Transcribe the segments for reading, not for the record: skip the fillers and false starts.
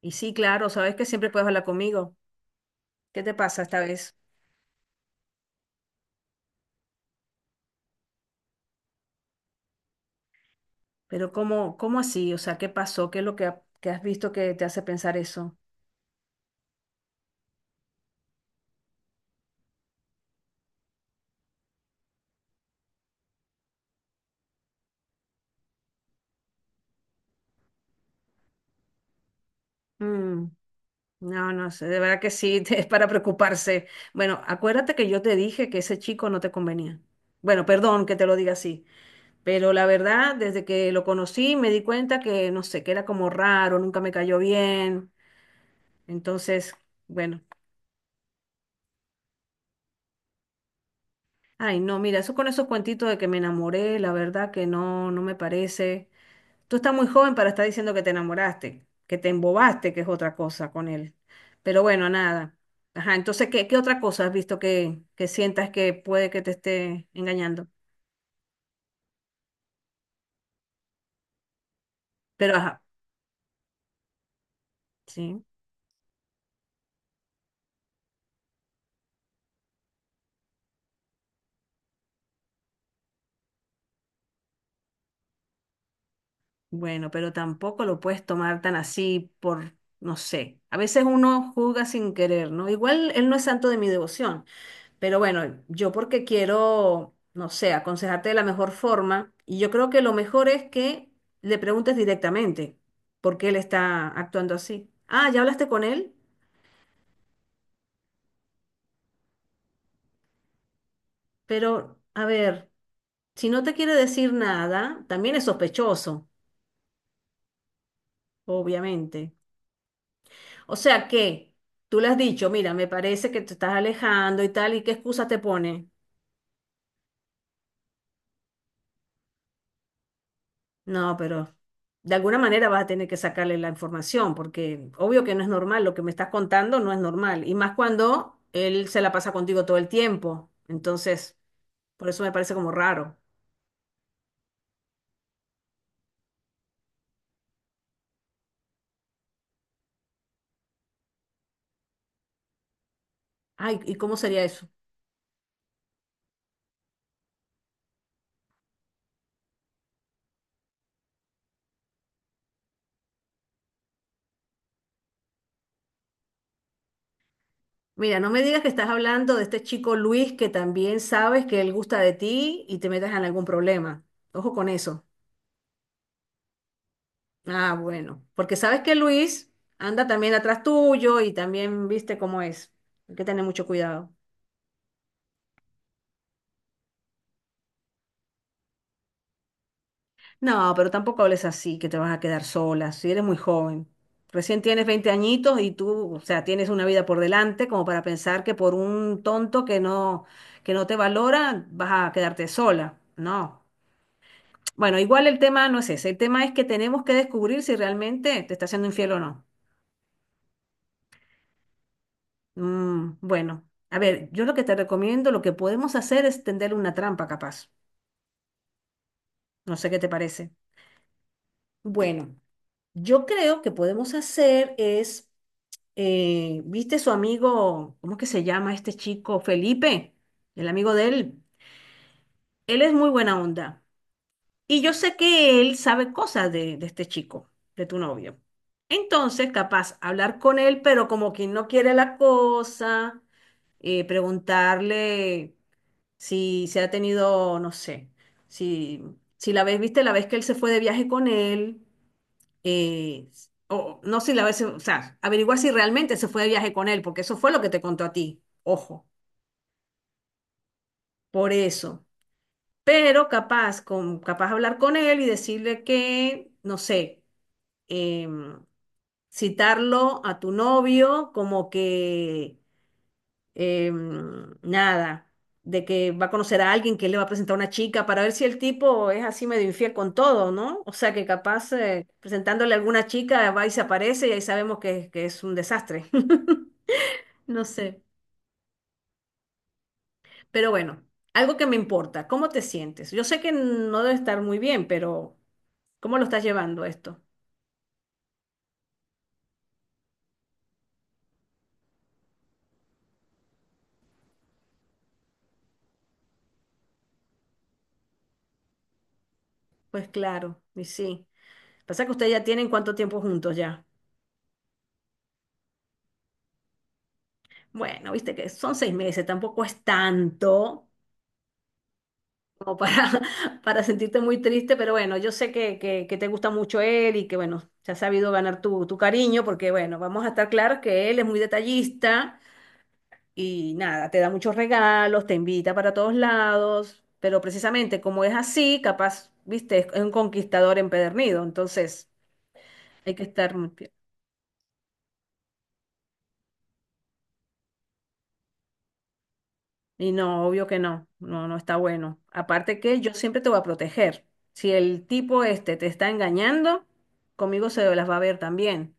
Y sí, claro, sabes que siempre puedes hablar conmigo. ¿Qué te pasa esta vez? Pero ¿cómo así? O sea, ¿qué pasó? ¿Qué es lo que has visto que te hace pensar eso? Mm, no, no sé, de verdad que sí, es para preocuparse. Bueno, acuérdate que yo te dije que ese chico no te convenía. Bueno, perdón que te lo diga así, pero la verdad, desde que lo conocí me di cuenta que, no sé, que era como raro, nunca me cayó bien. Entonces, bueno, ay, no, mira, eso con esos cuentitos de que me enamoré, la verdad que no, no me parece. Tú estás muy joven para estar diciendo que te enamoraste, que te embobaste, que es otra cosa con él. Pero bueno, nada. Ajá, entonces, ¿qué otra cosa has visto que sientas que puede que te esté engañando? Pero ajá, sí. Bueno, pero tampoco lo puedes tomar tan así por, no sé. A veces uno juzga sin querer, ¿no? Igual él no es santo de mi devoción. Pero bueno, yo porque quiero, no sé, aconsejarte de la mejor forma, y yo creo que lo mejor es que le preguntes directamente por qué él está actuando así. Ah, ya hablaste con él, pero a ver, si no te quiere decir nada, también es sospechoso, obviamente. O sea que tú le has dicho, mira, me parece que te estás alejando y tal, ¿y qué excusa te pone? No, pero de alguna manera vas a tener que sacarle la información, porque obvio que no es normal, lo que me estás contando no es normal, y más cuando él se la pasa contigo todo el tiempo. Entonces, por eso me parece como raro. Ay, ¿y cómo sería eso? Mira, no me digas que estás hablando de este chico Luis, que también sabes que él gusta de ti, y te metas en algún problema. Ojo con eso. Ah, bueno, porque sabes que Luis anda también atrás tuyo y también viste cómo es. Hay que tener mucho cuidado. No, pero tampoco hables así, que te vas a quedar sola, si eres muy joven. Recién tienes 20 añitos y tú, o sea, tienes una vida por delante como para pensar que por un tonto que no te valora vas a quedarte sola. No. Bueno, igual el tema no es ese. El tema es que tenemos que descubrir si realmente te está haciendo infiel o no. Bueno, a ver, yo lo que te recomiendo, lo que podemos hacer es tenderle una trampa, capaz. No sé qué te parece. Bueno, yo creo que podemos hacer es... ¿viste su amigo? ¿Cómo es que se llama este chico? Felipe, el amigo de él. Él es muy buena onda. Y yo sé que él sabe cosas de este chico, de tu novio. Entonces, capaz hablar con él, pero como quien no quiere la cosa, preguntarle si se ha tenido, no sé, si, si la vez, viste, la vez que él se fue de viaje con él, eh, o no sé, si la vez, o sea, averiguar si realmente se fue de viaje con él, porque eso fue lo que te contó a ti, ojo, por eso. Pero capaz, capaz hablar con él y decirle que, no sé, em, citarlo a tu novio como que nada, de que va a conocer a alguien que le va a presentar a una chica, para ver si el tipo es así medio infiel con todo, ¿no? O sea que capaz presentándole a alguna chica, va y se aparece y ahí sabemos que es un desastre. No sé, pero bueno, algo que me importa, ¿cómo te sientes? Yo sé que no debe estar muy bien, pero ¿cómo lo estás llevando esto? Pues claro, y sí. Pasa que ustedes ya tienen cuánto tiempo juntos ya. Bueno, viste que son 6 meses, tampoco es tanto, como para, para sentirte muy triste, pero bueno, yo sé que, que te gusta mucho él, y que bueno, se ha sabido ganar tu, tu cariño, porque bueno, vamos a estar claros que él es muy detallista y nada, te da muchos regalos, te invita para todos lados, pero precisamente como es así, capaz, viste, es un conquistador empedernido, entonces hay que estar muy. Y no, obvio que no, no, no está bueno. Aparte que yo siempre te voy a proteger. Si el tipo este te está engañando, conmigo se las va a ver también,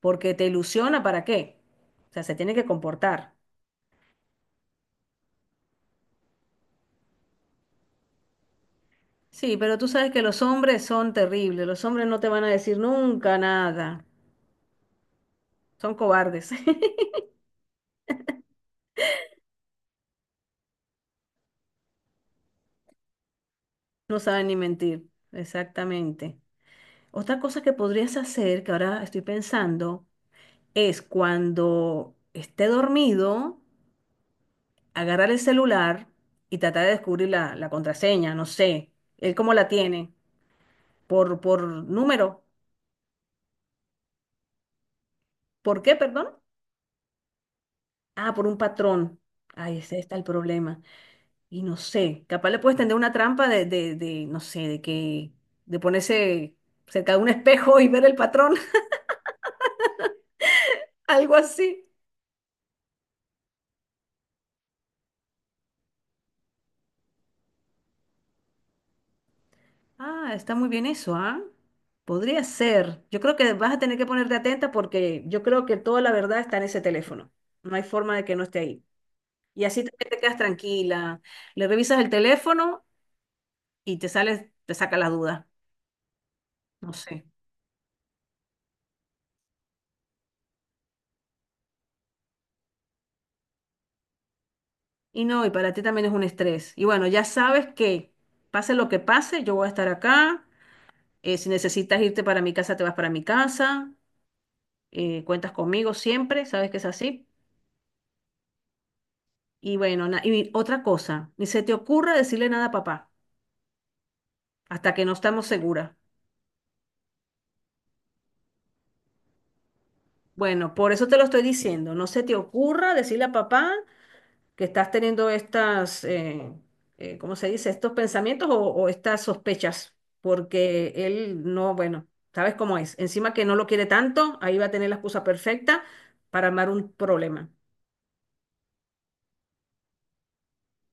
porque te ilusiona, ¿para qué? O sea, se tiene que comportar. Sí, pero tú sabes que los hombres son terribles, los hombres no te van a decir nunca nada, son cobardes, no saben ni mentir, exactamente. Otra cosa que podrías hacer, que ahora estoy pensando, es cuando esté dormido, agarrar el celular y tratar de descubrir la, la contraseña, no sé, él cómo la tiene, por número, ¿por qué, perdón? Ah, por un patrón. Ahí ese está el problema. Y no sé, capaz le puedes tender una trampa de, no sé, de que, de ponerse cerca de un espejo y ver el patrón, algo así. Ah, está muy bien eso, ¿ah? Podría ser. Yo creo que vas a tener que ponerte atenta, porque yo creo que toda la verdad está en ese teléfono. No hay forma de que no esté ahí. Y así también te quedas tranquila. Le revisas el teléfono y te sales, te saca la duda. No sé. Y no, y para ti también es un estrés. Y bueno, ya sabes que pase lo que pase, yo voy a estar acá. Si necesitas irte para mi casa, te vas para mi casa. Cuentas conmigo siempre, sabes que es así. Y bueno, y otra cosa, ni se te ocurra decirle nada a papá hasta que no estamos seguras. Bueno, por eso te lo estoy diciendo. No se te ocurra decirle a papá que estás teniendo estas, ¿cómo se dice? Estos pensamientos o estas sospechas, porque él no, bueno, sabes cómo es. Encima que no lo quiere tanto, ahí va a tener la excusa perfecta para armar un problema.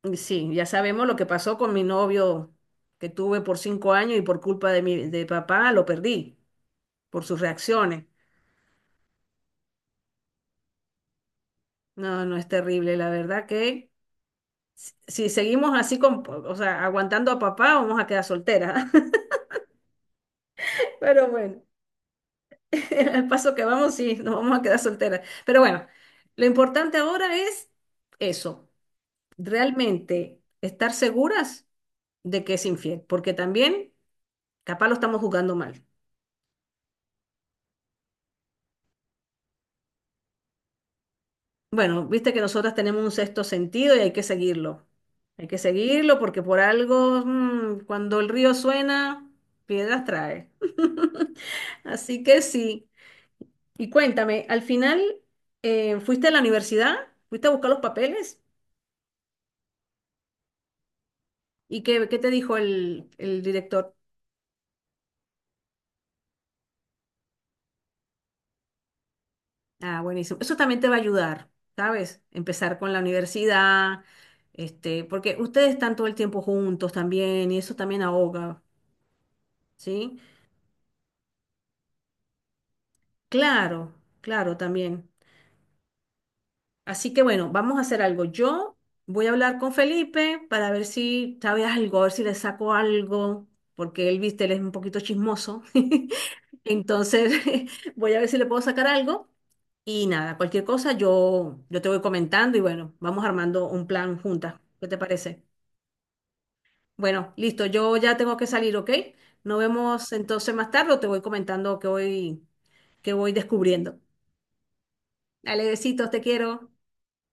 Y sí, ya sabemos lo que pasó con mi novio que tuve por 5 años y por culpa de mi de papá lo perdí por sus reacciones. No, no es terrible, la verdad que si seguimos así con, o sea, aguantando a papá, vamos a quedar solteras. Pero bueno, al paso que vamos, sí, nos vamos a quedar solteras. Pero bueno, lo importante ahora es eso, realmente estar seguras de que es infiel, porque también capaz lo estamos jugando mal. Bueno, viste que nosotras tenemos un sexto sentido y hay que seguirlo. Hay que seguirlo porque por algo, cuando el río suena, piedras trae. Así que sí. Y cuéntame, al final, ¿fuiste a la universidad? ¿Fuiste a buscar los papeles? ¿Y qué te dijo el director? Ah, buenísimo. Eso también te va a ayudar, ¿sabes? Empezar con la universidad, este, porque ustedes están todo el tiempo juntos también y eso también ahoga, ¿sí? Claro, claro, también. Así que bueno, vamos a hacer algo. Yo voy a hablar con Felipe para ver si sabe algo, a ver si le saco algo, porque él, viste, él es un poquito chismoso. Entonces, voy a ver si le puedo sacar algo. Y nada, cualquier cosa yo te voy comentando, y bueno, vamos armando un plan juntas. ¿Qué te parece? Bueno, listo, yo ya tengo que salir, ¿ok? Nos vemos entonces más tarde, o te voy comentando que voy descubriendo. Dale, besitos, te quiero.